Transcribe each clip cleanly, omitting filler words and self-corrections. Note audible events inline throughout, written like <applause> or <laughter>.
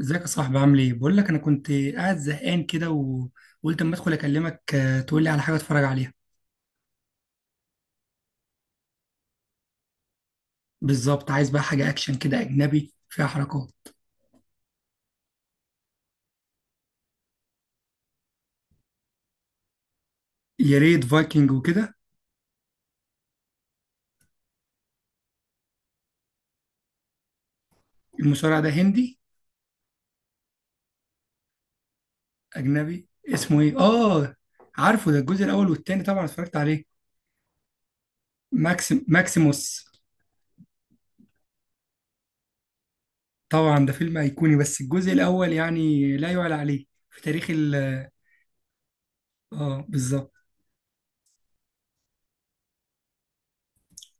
ازيك يا صاحبي عامل ايه؟ بقول لك انا كنت قاعد زهقان كده وقلت اما ادخل اكلمك تقول لي على حاجه اتفرج عليها. بالظبط عايز بقى حاجه اكشن كده اجنبي فيها حركات. يا ريت فايكنج وكده. المصارع ده هندي. اجنبي. اسمه ايه؟ اه. عارفه ده الجزء الاول والتاني طبعا اتفرجت عليه. ماكسيم ماكسيموس. طبعا ده فيلم ايقوني بس الجزء الاول يعني لا يعلى عليه في تاريخ ال. اه، بالظبط.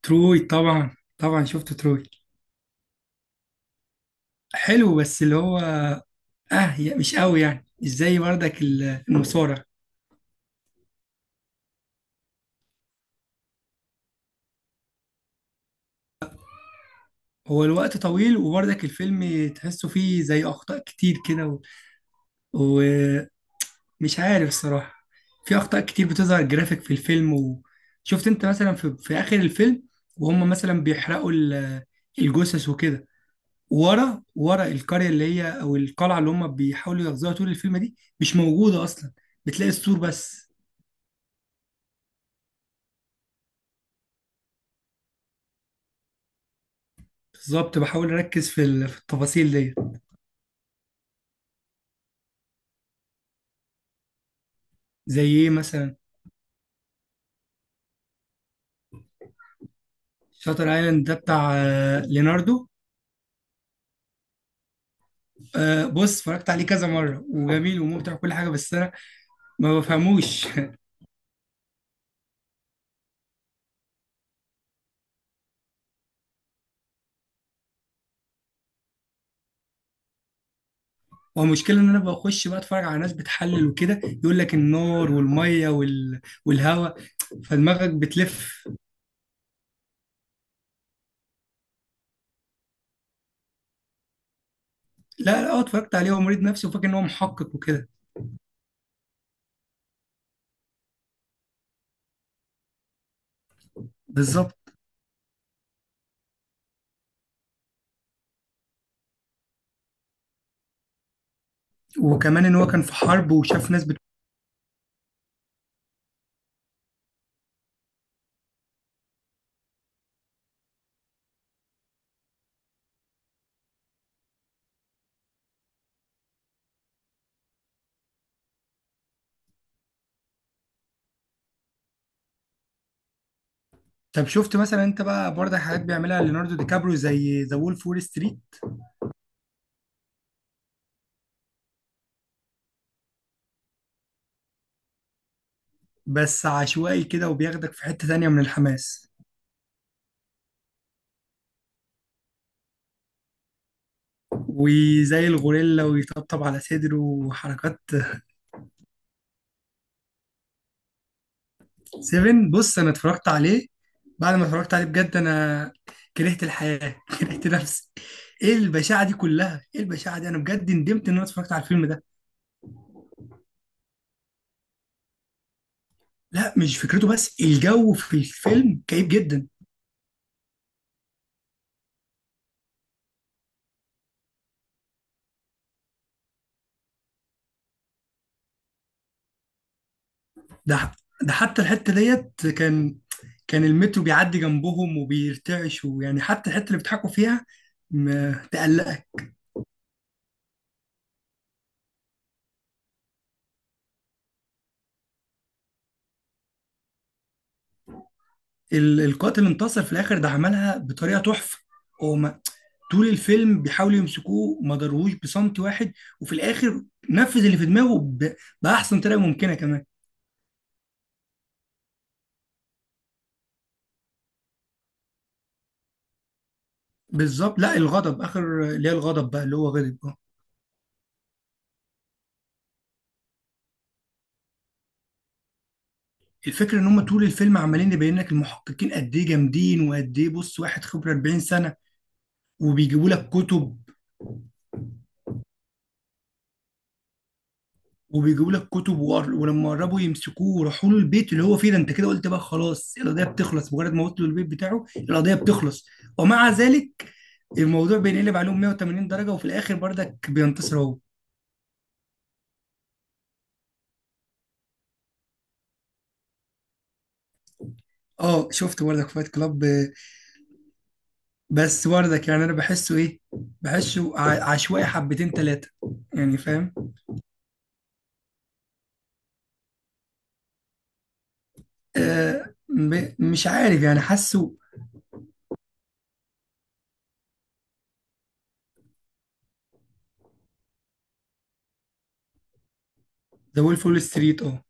تروي طبعا طبعا شفت تروي. حلو بس اللي هو اه يا مش قوي يعني مش زي بردك المصارع. هو الوقت طويل وبردك الفيلم تحسه فيه زي اخطاء كتير كده ومش عارف الصراحه، في اخطاء كتير بتظهر جرافيك في الفيلم. وشفت انت مثلا في اخر الفيلم وهم مثلا بيحرقوا الجثث وكده ورا ورا القريه اللي هي او القلعه اللي هم بيحاولوا يغزوها طول الفيلم دي مش موجوده اصلا. بتلاقي السور بس. بالظبط بحاول اركز في التفاصيل دي. زي ايه مثلا. شاتر ايلاند ده بتاع ليناردو. آه، بص اتفرجت عليه كذا مره وجميل وممتع وكل حاجه بس انا ما بفهموش. <laughs> هو المشكله ان انا بخش بقى اتفرج على ناس بتحلل وكده يقول لك النار والميه والهواء فدماغك بتلف. لا لا، هو اتفرجت عليه هو مريض نفسي وفاكر ان هو محقق وكده. بالظبط. وكمان ان هو كان في حرب وشاف ناس طب شفت مثلا انت بقى برضه حاجات بيعملها ليوناردو دي كابريو زي ذا وولف وول ستريت. بس عشوائي كده وبياخدك في حته تانيه من الحماس. وزي الغوريلا ويطبطب على صدره وحركات. سيفن بص انا اتفرجت عليه. بعد ما اتفرجت عليه بجد انا كرهت الحياة. <laughs> كرهت نفسي. ايه البشاعة دي كلها ايه البشاعة دي، انا بجد ندمت ان انا اتفرجت على الفيلم ده. لا مش فكرته بس الجو في الفيلم كئيب جدا. ده ده حتى الحتة ديت كان المترو بيعدي جنبهم وبيرتعش ويعني حتى الحتة اللي بيضحكوا فيها ما تقلقك. القاتل انتصر في الاخر ده عملها بطريقة تحفة. هو طول الفيلم بيحاولوا يمسكوه ما ضروهوش بصمت واحد وفي الاخر نفذ اللي في دماغه باحسن طريقه ممكنه كمان. بالظبط، لا الغضب اخر اللي هي الغضب بقى اللي هو غضب اه. الفكره ان هم طول الفيلم عمالين يبين لك المحققين قد ايه جامدين وقد ايه، بص واحد خبره 40 سنه وبيجيبوا لك كتب وبيجيبوا لك كتب ولما قربوا يمسكوه وراحوا له البيت اللي هو فيه، ده انت كده قلت بقى خلاص القضيه بتخلص، مجرد ما وصلوا البيت بتاعه القضيه بتخلص. ومع ذلك الموضوع بينقلب عليهم 180 درجه وفي الاخر بردك بينتصر هو. اه شفت بردك فايت كلاب. بس بردك يعني انا بحسه ايه، بحسه عشوائي حبتين ثلاثه يعني فاهم. مش عارف يعني حاسه. ذا وولف فول ستريت اه.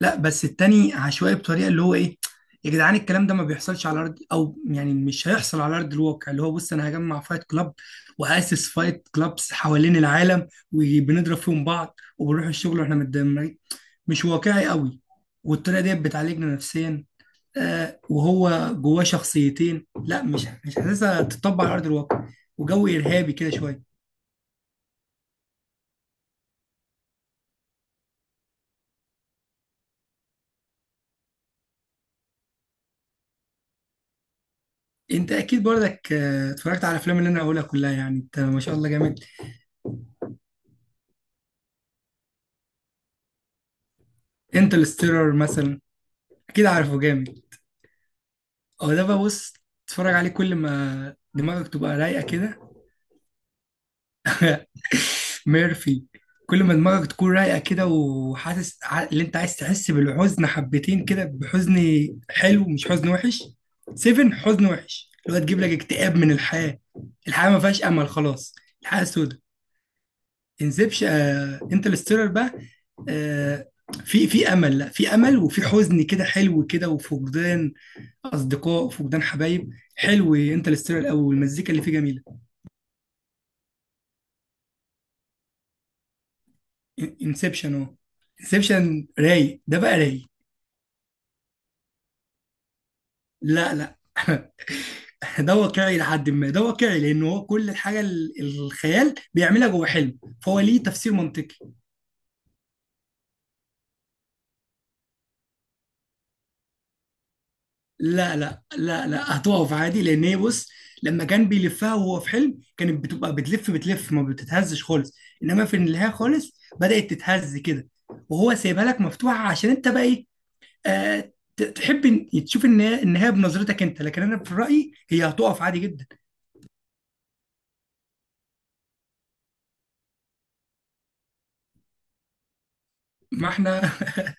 لا بس التاني عشوائي بطريقه اللي هو ايه، يا جدعان الكلام ده ما بيحصلش على ارض او يعني مش هيحصل على ارض الواقع اللي هو بص انا هجمع فايت كلاب واسس فايت كلابس حوالين العالم وبنضرب فيهم بعض وبنروح الشغل واحنا متدمرين، مش واقعي قوي. والطريقه ديت بتعالجنا نفسيا وهو جواه شخصيتين، لا مش حاسسها تطبق على ارض الواقع وجو ارهابي كده شويه. انت اكيد برضك اتفرجت على الافلام اللي انا هقولها كلها يعني انت ما شاء الله جامد. انترستيلر مثلا. اكيد عارفه جامد. هو ده بقى، بص تتفرج عليه كل ما دماغك تبقى رايقه كده. <laughs> ميرفي. كل ما دماغك تكون رايقه كده وحاسس اللي انت عايز تحس بالحزن حبتين كده، بحزن حلو مش حزن وحش. سيفن حزن وحش اللي هو تجيب لك اكتئاب من الحياه. الحياه ما فيهاش امل خلاص. الحياه سودة. انسبش انترستيلر بقى. آه. في امل، لا في امل وفي حزن كده حلو كده وفقدان اصدقاء فقدان حبايب، حلو انترستيلر قوي والمزيكا اللي فيه جميله. انسبشن اهو. انسبشن رايق ده بقى رايق. لا لا. <laughs> ده واقعي لحد ما، ده واقعي لان هو كل الحاجه الخيال بيعملها جوه حلم فهو ليه تفسير منطقي. لا لا لا لا، هتقف عادي لان هي بص، لما كان بيلفها وهو في حلم كانت بتبقى بتلف بتلف ما بتتهزش خالص، انما في النهايه خالص بدات تتهز كده وهو سايبها لك مفتوحه عشان انت بقى ايه، تحب تشوف ان هي بنظرتك انت. لكن انا في رايي هي هتقف عادي جدا. ما احنا <laughs>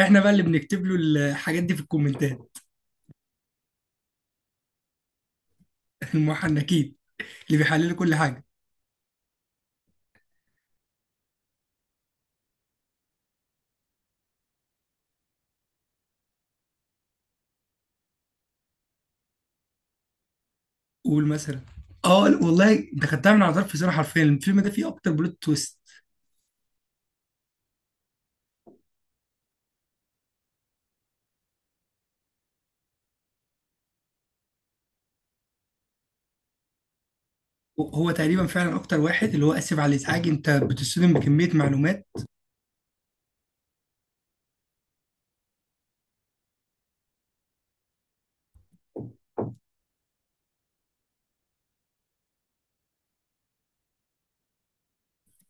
احنا بقى اللي بنكتب له الحاجات دي في الكومنتات. <laughs> المحنكين اللي بيحللوا كل حاجه. قول مثلا. اه، لا والله انت خدتها من على طرف لساني حرفيا الفيلم ده فيه اكتر بلوت تويست. هو تقريبا فعلا اكتر واحد، اللي هو اسف على الازعاج، انت بتصدم بكميه معلومات.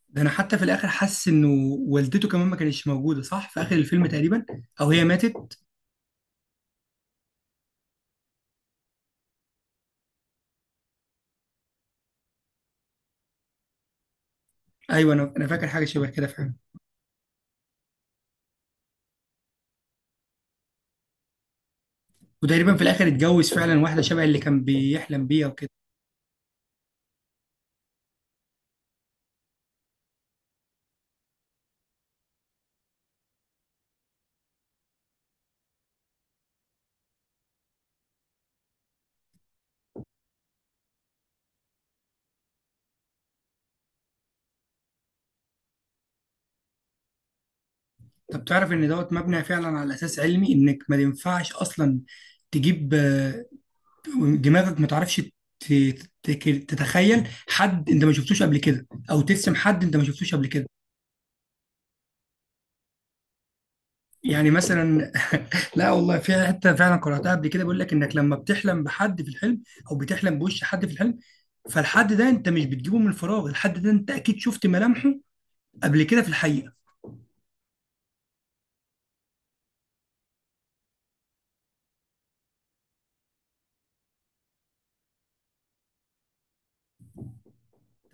ده انا حتى في الاخر حاسس انه والدته كمان ما كانتش موجوده صح في اخر الفيلم تقريبا، او هي ماتت. ايوه، انا فاكر حاجه شبه كده فعلا. وتقريبا في الاخر اتجوز فعلا واحده شبه اللي كان بيحلم بيها وكده. طب تعرف ان دوت مبني فعلا على اساس علمي، انك ما ينفعش اصلا تجيب دماغك ما تعرفش ت- ت- تتخيل حد انت ما شفتوش قبل كده، او ترسم حد انت ما شفتوش قبل كده. يعني مثلا. <laughs> لا والله في حته فعلا قراتها قبل كده بيقول لك انك لما بتحلم بحد في الحلم او بتحلم بوش حد في الحلم فالحد ده انت مش بتجيبه من الفراغ، الحد ده انت اكيد شفت ملامحه قبل كده في الحقيقه.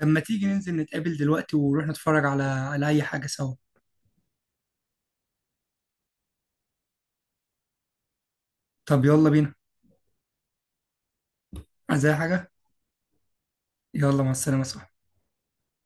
طب ما تيجي ننزل نتقابل دلوقتي ونروح نتفرج على أي حاجة سوا. طب يلا بينا. عايز أي حاجة. يلا مع السلامة يا صاحبي.